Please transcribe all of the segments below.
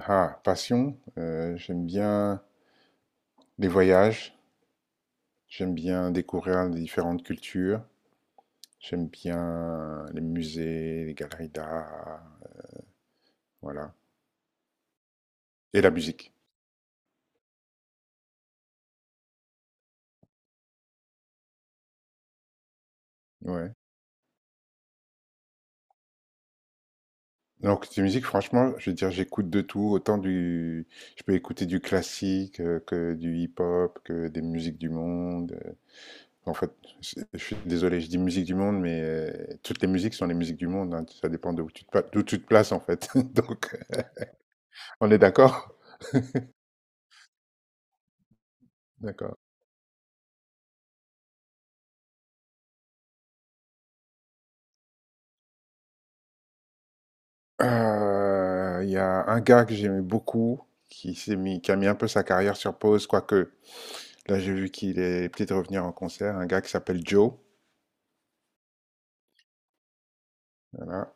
Ah, passion, j'aime bien les voyages, j'aime bien découvrir les différentes cultures, j'aime bien les musées, les galeries d'art, voilà. Et la musique, ouais. Donc, la musique, franchement, je veux dire, j'écoute de tout, autant Je peux écouter du classique, que du hip-hop, que des musiques du monde. En fait, je suis désolé, je dis musique du monde, mais toutes les musiques sont les musiques du monde, hein. Ça dépend de où tu d'où tu te places, en fait. Donc, on est d'accord? D'accord. Il y a un gars que j'aimais beaucoup, qui a mis un peu sa carrière sur pause, quoique, là, j'ai vu qu'il est peut-être revenir en concert, un gars qui s'appelle Joe, voilà.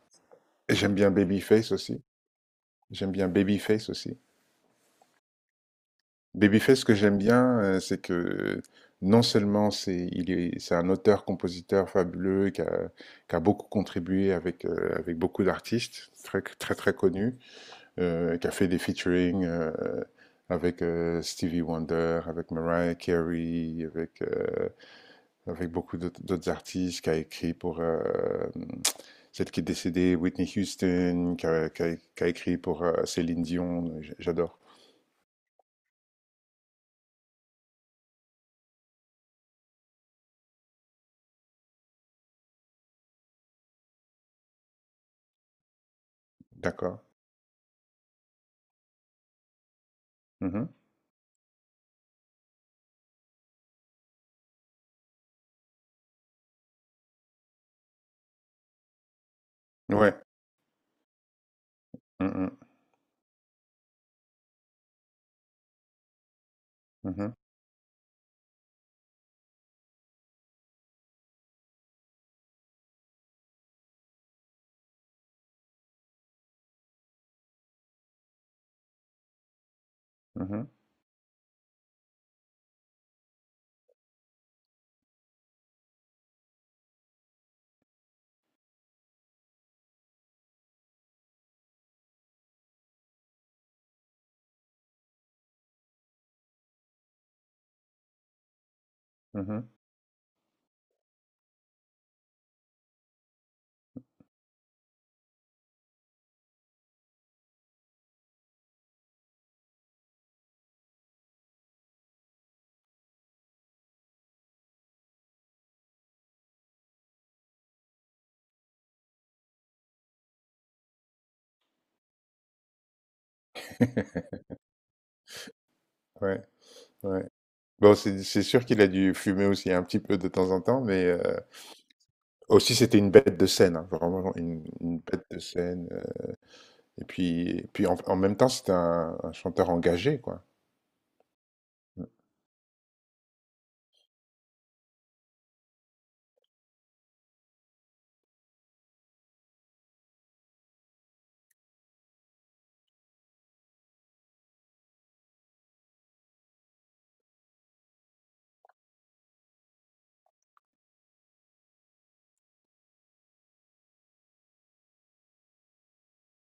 Et j'aime bien Babyface aussi. J'aime bien Babyface aussi. Babyface, ce que j'aime bien, c'est que, non seulement c'est il est c'est un auteur-compositeur fabuleux qui a beaucoup contribué avec beaucoup d'artistes très connus. Qui a fait des featuring avec Stevie Wonder, avec Mariah Carey, avec, avec beaucoup d'autres artistes, qui a écrit pour celle qui est décédée, Whitney Houston, qui a, qui a écrit pour Céline Dion, j'adore. D'accord. Mhm. Ouais. Mhm, mhm, mhm, mhm. Ouais, ouais. Bon, c'est sûr qu'il a dû fumer aussi un petit peu de temps en temps, mais aussi c'était une bête de scène, hein, vraiment une bête de scène. Et puis en, en même temps, c'était un chanteur engagé, quoi. Mm.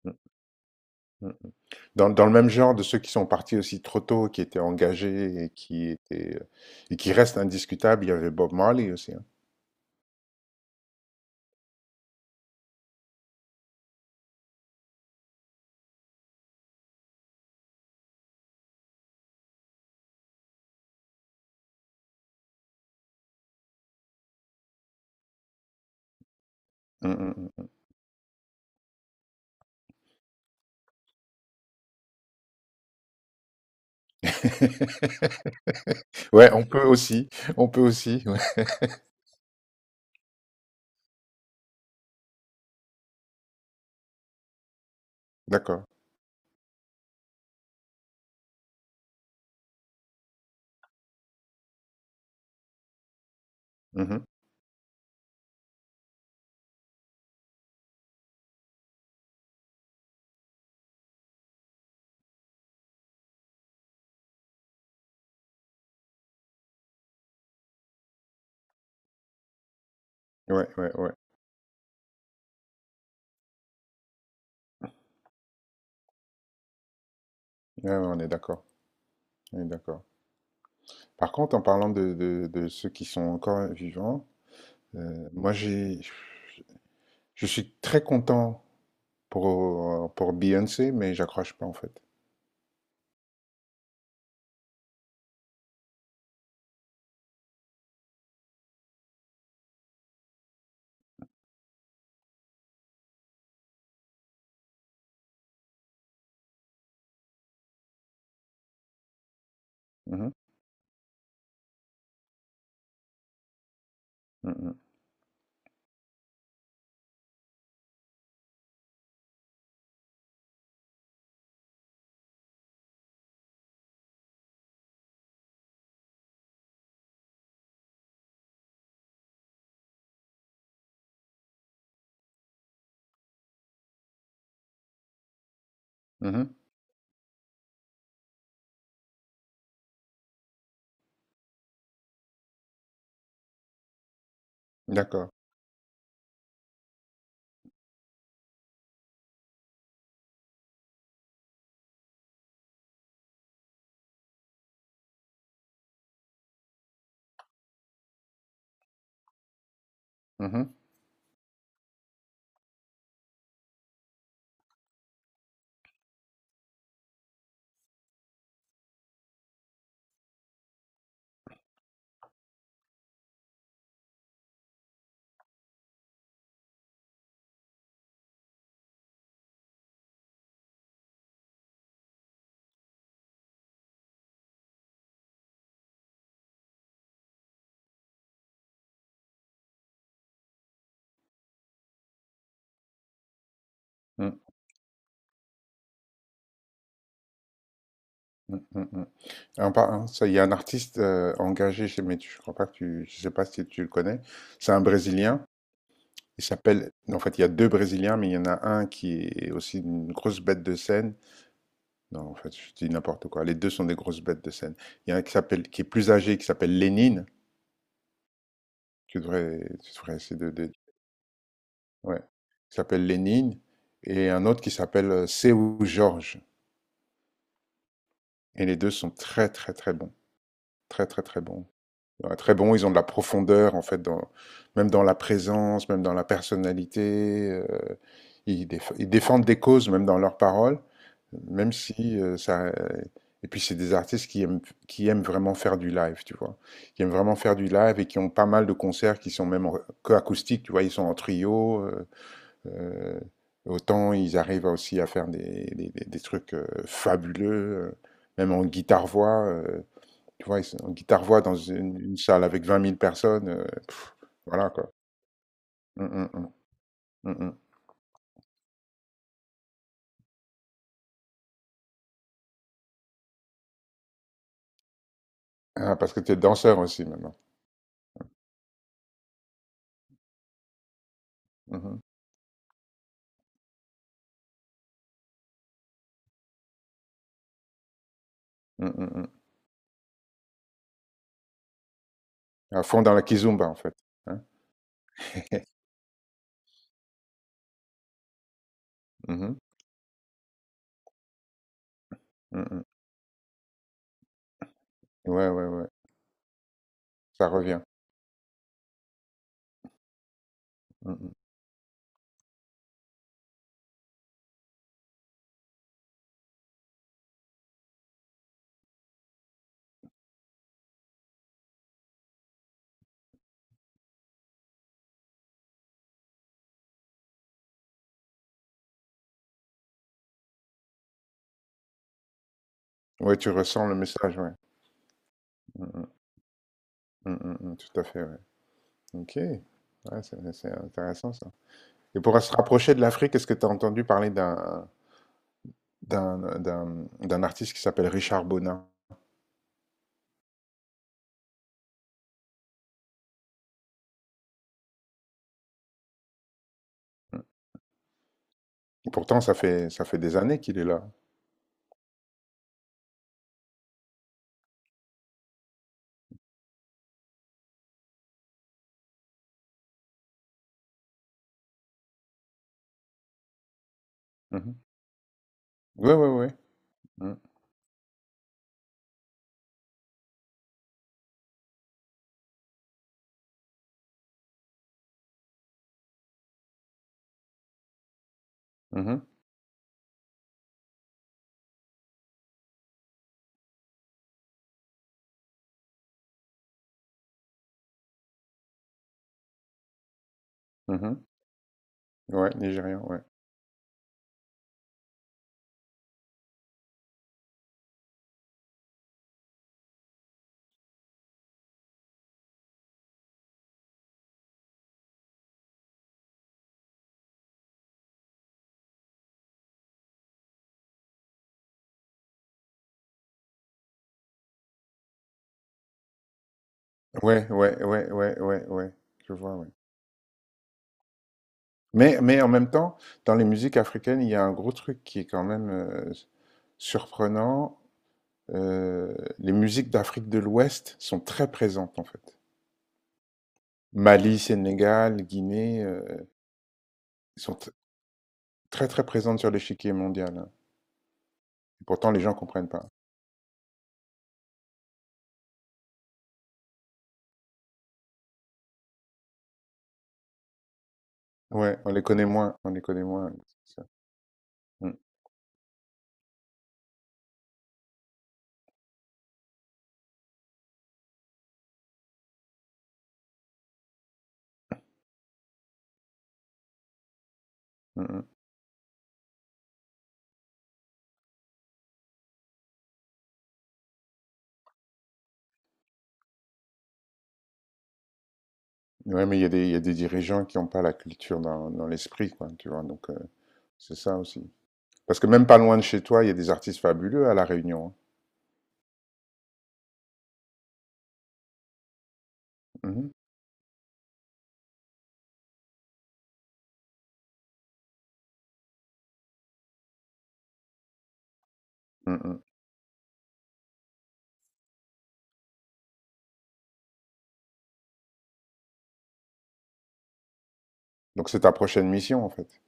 Mm, mm. Dans, dans le même genre de ceux qui sont partis aussi trop tôt, qui étaient engagés et qui étaient, et qui restent indiscutables, il y avait Bob Marley aussi, hein. Mmh mh, mmh. Ouais, on peut aussi, ouais. D'accord. Mmh mh. Ouais, ouais, ouais. Ouais, ouais, on est d'accord, on est d'accord. Par contre, en parlant de ceux qui sont encore vivants, moi j'ai je suis très content pour Beyoncé, mais j'accroche pas en fait. Mmh mh. Mmh. Mmh. D'accord. Mmh mh. Mmh. Mmh, mmh, mmh, mmh. Hein, ça, il y a un artiste engagé chez, mais je crois pas que tu, je sais pas si tu le connais. C'est un Brésilien. Il s'appelle, en fait, il y a deux Brésiliens, mais il y en a un qui est aussi une grosse bête de scène. Non, en fait, je dis n'importe quoi. Les deux sont des grosses bêtes de scène. Il y en a un qui s'appelle, qui est plus âgé, qui s'appelle Lénine. Tu devrais, ouais. Qui s'appelle Lénine. Et un autre qui s'appelle Seu Jorge. Et les deux sont très, très, très bons. Très, très, très bons. Ouais, très bon, ils ont de la profondeur en fait, dans, même dans la présence, même dans la personnalité. Ils ils défendent des causes même dans leurs paroles, même si ça. Et puis c'est des artistes qui aiment vraiment faire du live, tu vois, qui aiment vraiment faire du live et qui ont pas mal de concerts qui sont même en- que acoustiques, tu vois, ils sont en trio. Euh, autant ils arrivent aussi à faire des trucs fabuleux, euh, même en guitare-voix. Tu vois, en guitare-voix dans une salle avec 20 000 personnes, pff, voilà quoi. Hum, hum, hum, hum, hum. Ah, parce que tu es danseur aussi maintenant. Mhm, hum, hum. À fond dans la kizumba en fait, hein. Mhm, hum. Ouais, ouais, ouais, ça revient. Mm, mm. Ouais, tu ressens le message, ouais. Mm, mm, mm, mm, mm, tout à fait, ouais. Ok. Ouais, c'est intéressant ça. Et pour se rapprocher de l'Afrique, est-ce que tu as entendu parler d'un d'un artiste qui s'appelle Richard Bonin? Mm. Pourtant, ça fait des années qu'il est là. Mmh. Ouais, ouais, ouais. Mhm, mhm, mhm. Ouais, nigérian, ouais. Ouais, ouais, ouais, ouais, ouais, ouais. Je vois, ouais. Mais en même temps, dans les musiques africaines, il y a un gros truc qui est quand même, surprenant, les musiques d'Afrique de l'Ouest sont très présentes, en fait. Mali, Sénégal, Guinée, sont très, très présente sur l'échiquier mondial, hein. Et pourtant les gens comprennent pas. Ouais, on les connaît moins, on les connaît moins, c'est ça. Mmh, mmh mh. Ouais, mais il y a des il y a des dirigeants qui n'ont pas la culture dans dans l'esprit, quoi, tu vois? Donc c'est ça aussi. Parce que même pas loin de chez toi, il y a des artistes fabuleux à La Réunion, hein. Mmh mh. Mmh. Donc c'est ta prochaine mission, en fait?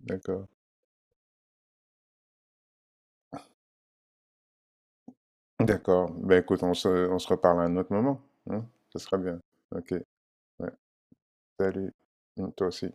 D'accord. D'accord. Ben écoute, on se reparle à un autre moment, hein? Ce sera bien. OK. Ouais. Salut. Mmh, toi aussi.